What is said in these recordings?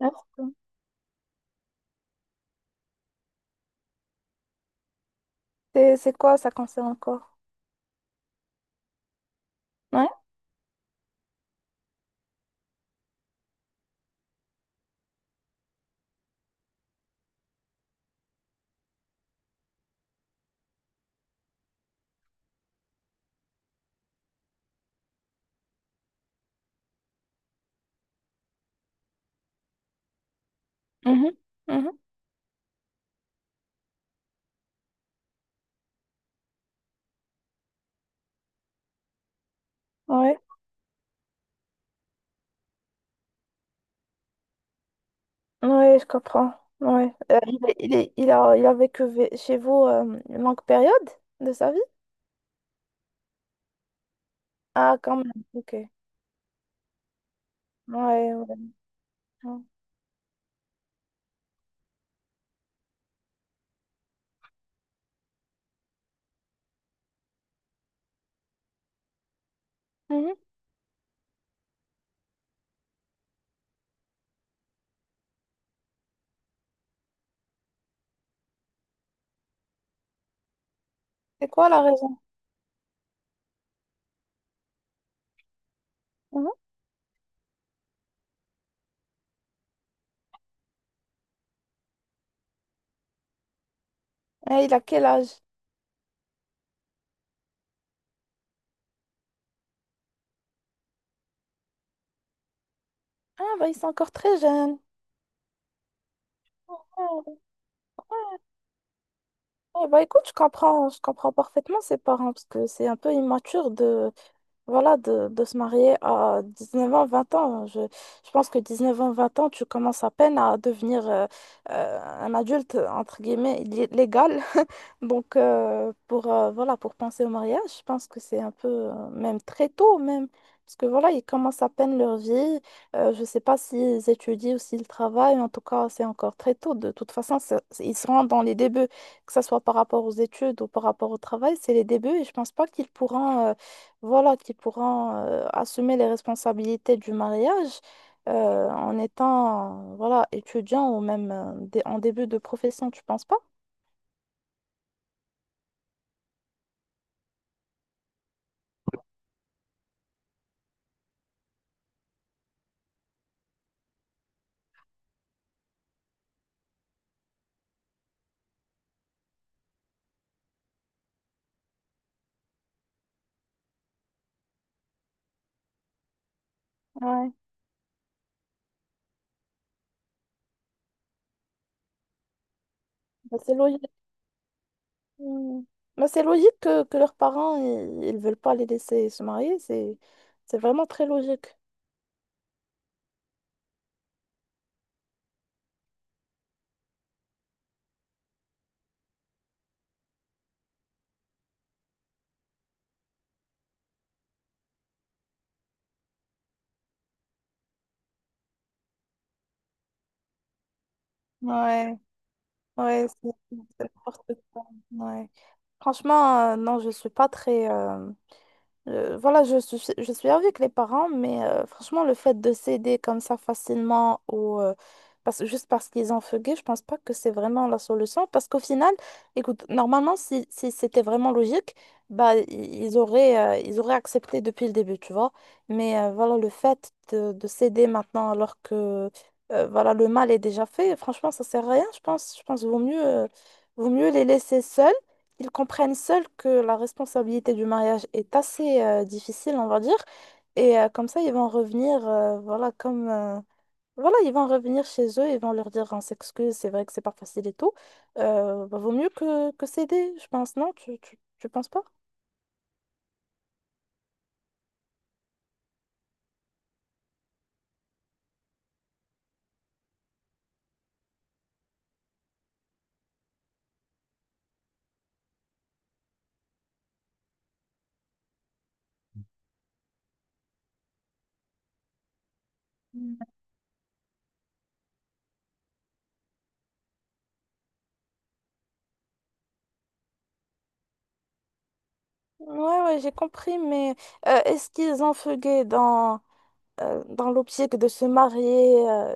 Ah. C'est quoi, ça concerne encore? Ouais. Mhm. Mhm. Ouais. Ouais, je comprends. Ouais. Il a vécu chez vous une longue période de sa vie? Ah, quand même. Ok. Ouais, ouais. Ouais. Mhm. C'est quoi la raison? Mhm. Et il a quel âge? Ah, bah, ils sont encore très jeunes. Ouais, ouais, bah écoute, je comprends parfaitement ses parents parce que c'est un peu immature de. Voilà, de se marier à 19 ans, 20 ans. Je pense que 19 ans, 20 ans, tu commences à peine à devenir un adulte, entre guillemets, légal. Donc, voilà, pour penser au mariage, je pense que c'est un peu, même très tôt, même. Parce que voilà, ils commencent à peine leur vie. Je ne sais pas s'ils étudient ou s'ils travaillent. En tout cas, c'est encore très tôt. De toute façon, ils seront dans les débuts, que ce soit par rapport aux études ou par rapport au travail, c'est les débuts. Et je pense pas qu'ils pourront, voilà, qui pourront assumer les responsabilités du mariage en étant voilà, étudiant ou même en début de profession, tu penses pas? Ouais. Bah, c'est logique. Hmm. Bah, c'est logique que leurs parents, ils veulent pas les laisser se marier, c'est vraiment très logique. Ouais, ouais, c'est n'importe quoi. Ouais. Franchement, non, je suis pas très, voilà, je suis avec les parents, mais franchement, le fait de céder comme ça facilement ou juste parce qu'ils ont fugué, je pense pas que c'est vraiment la solution. Parce qu'au final, écoute, normalement, si c'était vraiment logique, bah, ils auraient accepté depuis le début, tu vois. Mais voilà, le fait de céder maintenant alors que voilà, le mal est déjà fait, franchement, ça sert à rien, je pense. Je pense qu'il vaut mieux les laisser seuls. Ils comprennent seuls que la responsabilité du mariage est assez difficile, on va dire. Et comme ça, voilà, voilà, ils vont revenir chez eux, ils vont leur dire, on s'excuse, c'est vrai que c'est pas facile et tout. Bah, vaut mieux que céder, je pense, non? Tu penses pas? Ouais, ouais, j'ai compris, mais est-ce qu'ils ont fugué dans l'optique de se marier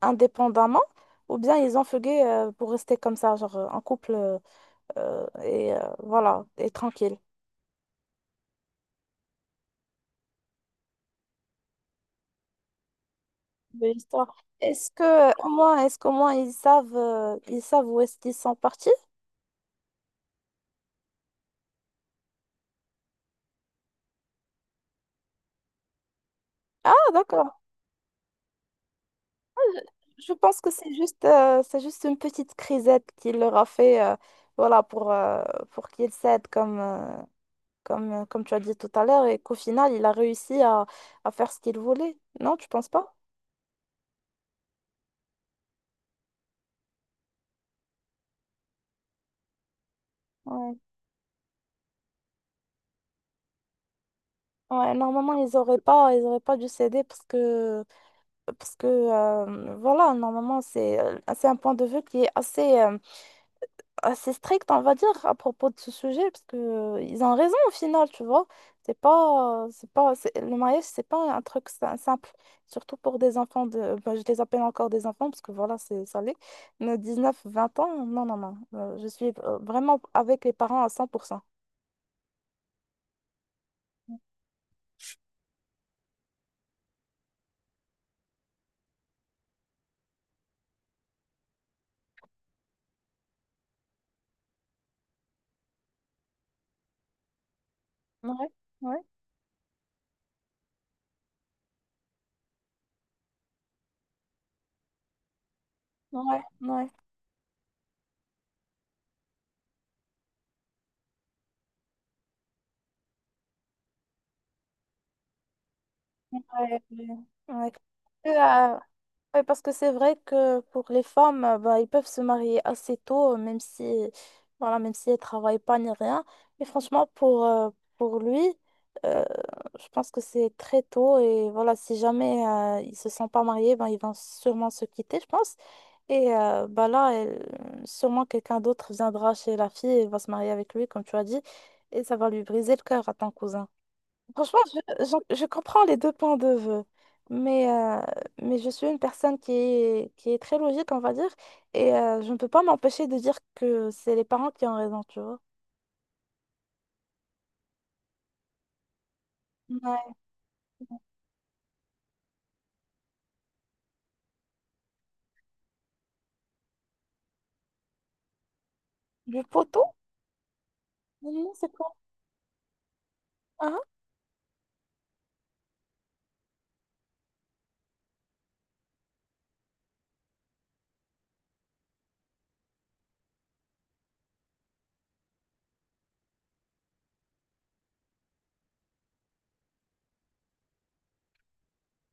indépendamment ou bien ils ont fugué pour rester comme ça, genre en couple? Voilà, et tranquille de l'histoire. Est-ce qu'au moins ils savent où est-ce qu'ils sont partis? Ah, d'accord. Ah, je pense que c'est juste une petite crisette qu'il leur a fait, voilà, pour qu'ils cèdent comme tu as dit tout à l'heure, et qu'au final, il a réussi à faire ce qu'il voulait. Non, tu penses pas? Ouais. Ouais, normalement, ils auraient pas dû céder parce que voilà, normalement, c'est un point de vue qui est assez strict, on va dire, à propos de ce sujet, parce que ils ont raison au final, tu vois. C'est pas, c'est pas, c'est- Le mariage, c'est pas un truc simple, surtout pour des enfants ben, je les appelle encore des enfants, parce que voilà, c'est ça l'est, mais 19, 20 ans, non, non, non. Je suis vraiment avec les parents à 100%. Ouais, ouais, ouais, ouais, ouais, ouais. Ouais. Euh, Oui, parce que c'est vrai que pour les femmes, bah, ils peuvent se marier assez tôt, même si, voilà, même si elles travaillent pas ni rien. Mais franchement, pour lui, euh, je pense que c'est très tôt. Et voilà, si jamais ils se sont pas mariés, ben, ils vont sûrement se quitter, je pense. Et bah, là, sûrement quelqu'un d'autre viendra chez la fille et va se marier avec lui, comme tu as dit. Et ça va lui briser le cœur à ton cousin. Franchement, je comprends les deux points de vue, mais, euh, mais je suis une personne qui est très logique, on va dire, et je ne peux pas m'empêcher de dire que c'est les parents qui ont raison, tu vois. Ouais. Du poteau? Non, c'est quoi? Hein?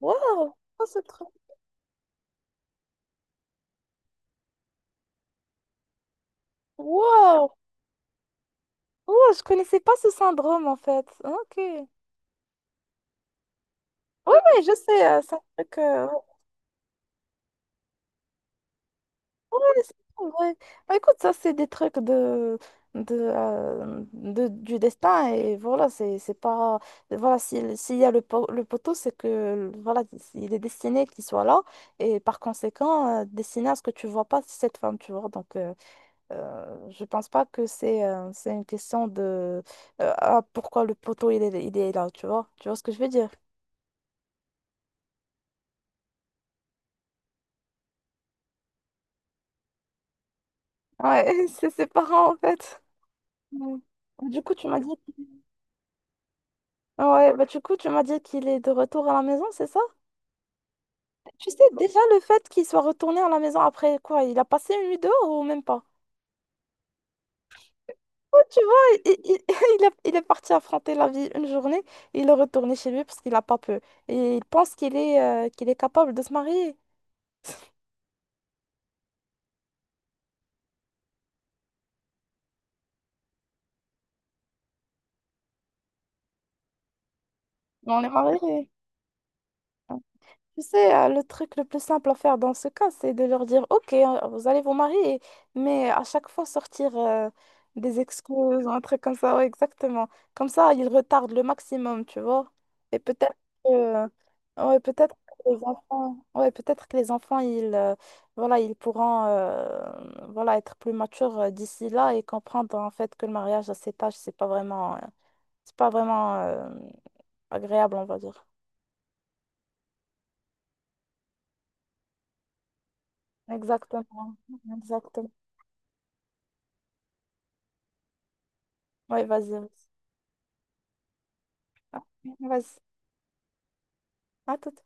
Waouh! Oh, ce truc. Waouh! Waouh, je connaissais pas ce syndrome, en fait. Ok. Oui, oui, je sais, c'est un truc... Ouais. Bah, écoute, ça, c'est des trucs du destin. Et voilà, c'est pas. Voilà, s'il y a le poteau, c'est que voilà, il est destiné qu'il soit là. Et par conséquent, destiné à ce que tu vois pas cette femme, tu vois. Donc, je pense pas que c'est une question de. Ah, pourquoi le poteau, il est là, tu vois. Tu vois ce que je veux dire? Ouais, c'est ses parents, en fait. Ouais. Du coup, tu m'as dit. Ouais, bah du coup, tu m'as dit qu'il est de retour à la maison, c'est ça? Tu sais, déjà le fait qu'il soit retourné à la maison après quoi? Il a passé une nuit dehors ou même pas? Oh, tu vois, il est parti affronter la vie une journée, il est retourné chez lui parce qu'il a pas peur. Et il pense qu'il est capable de se marier. Mais on est mariés. Tu sais, le truc le plus simple à faire dans ce cas, c'est de leur dire, OK, vous allez vous marier, mais à chaque fois sortir des excuses ou un truc comme ça, ouais, exactement. Comme ça, ils retardent le maximum, tu vois. Et que, ouais, peut-être que les enfants, ouais, peut-être que les enfants, ils, voilà, ils pourront, voilà, être plus matures d'ici là et comprendre en fait que le mariage à cet âge, c'est pas vraiment agréable, on va dire. Exactement, exactement. Ouais, vas-y. Vas-y. Ah, vas-y. À toute.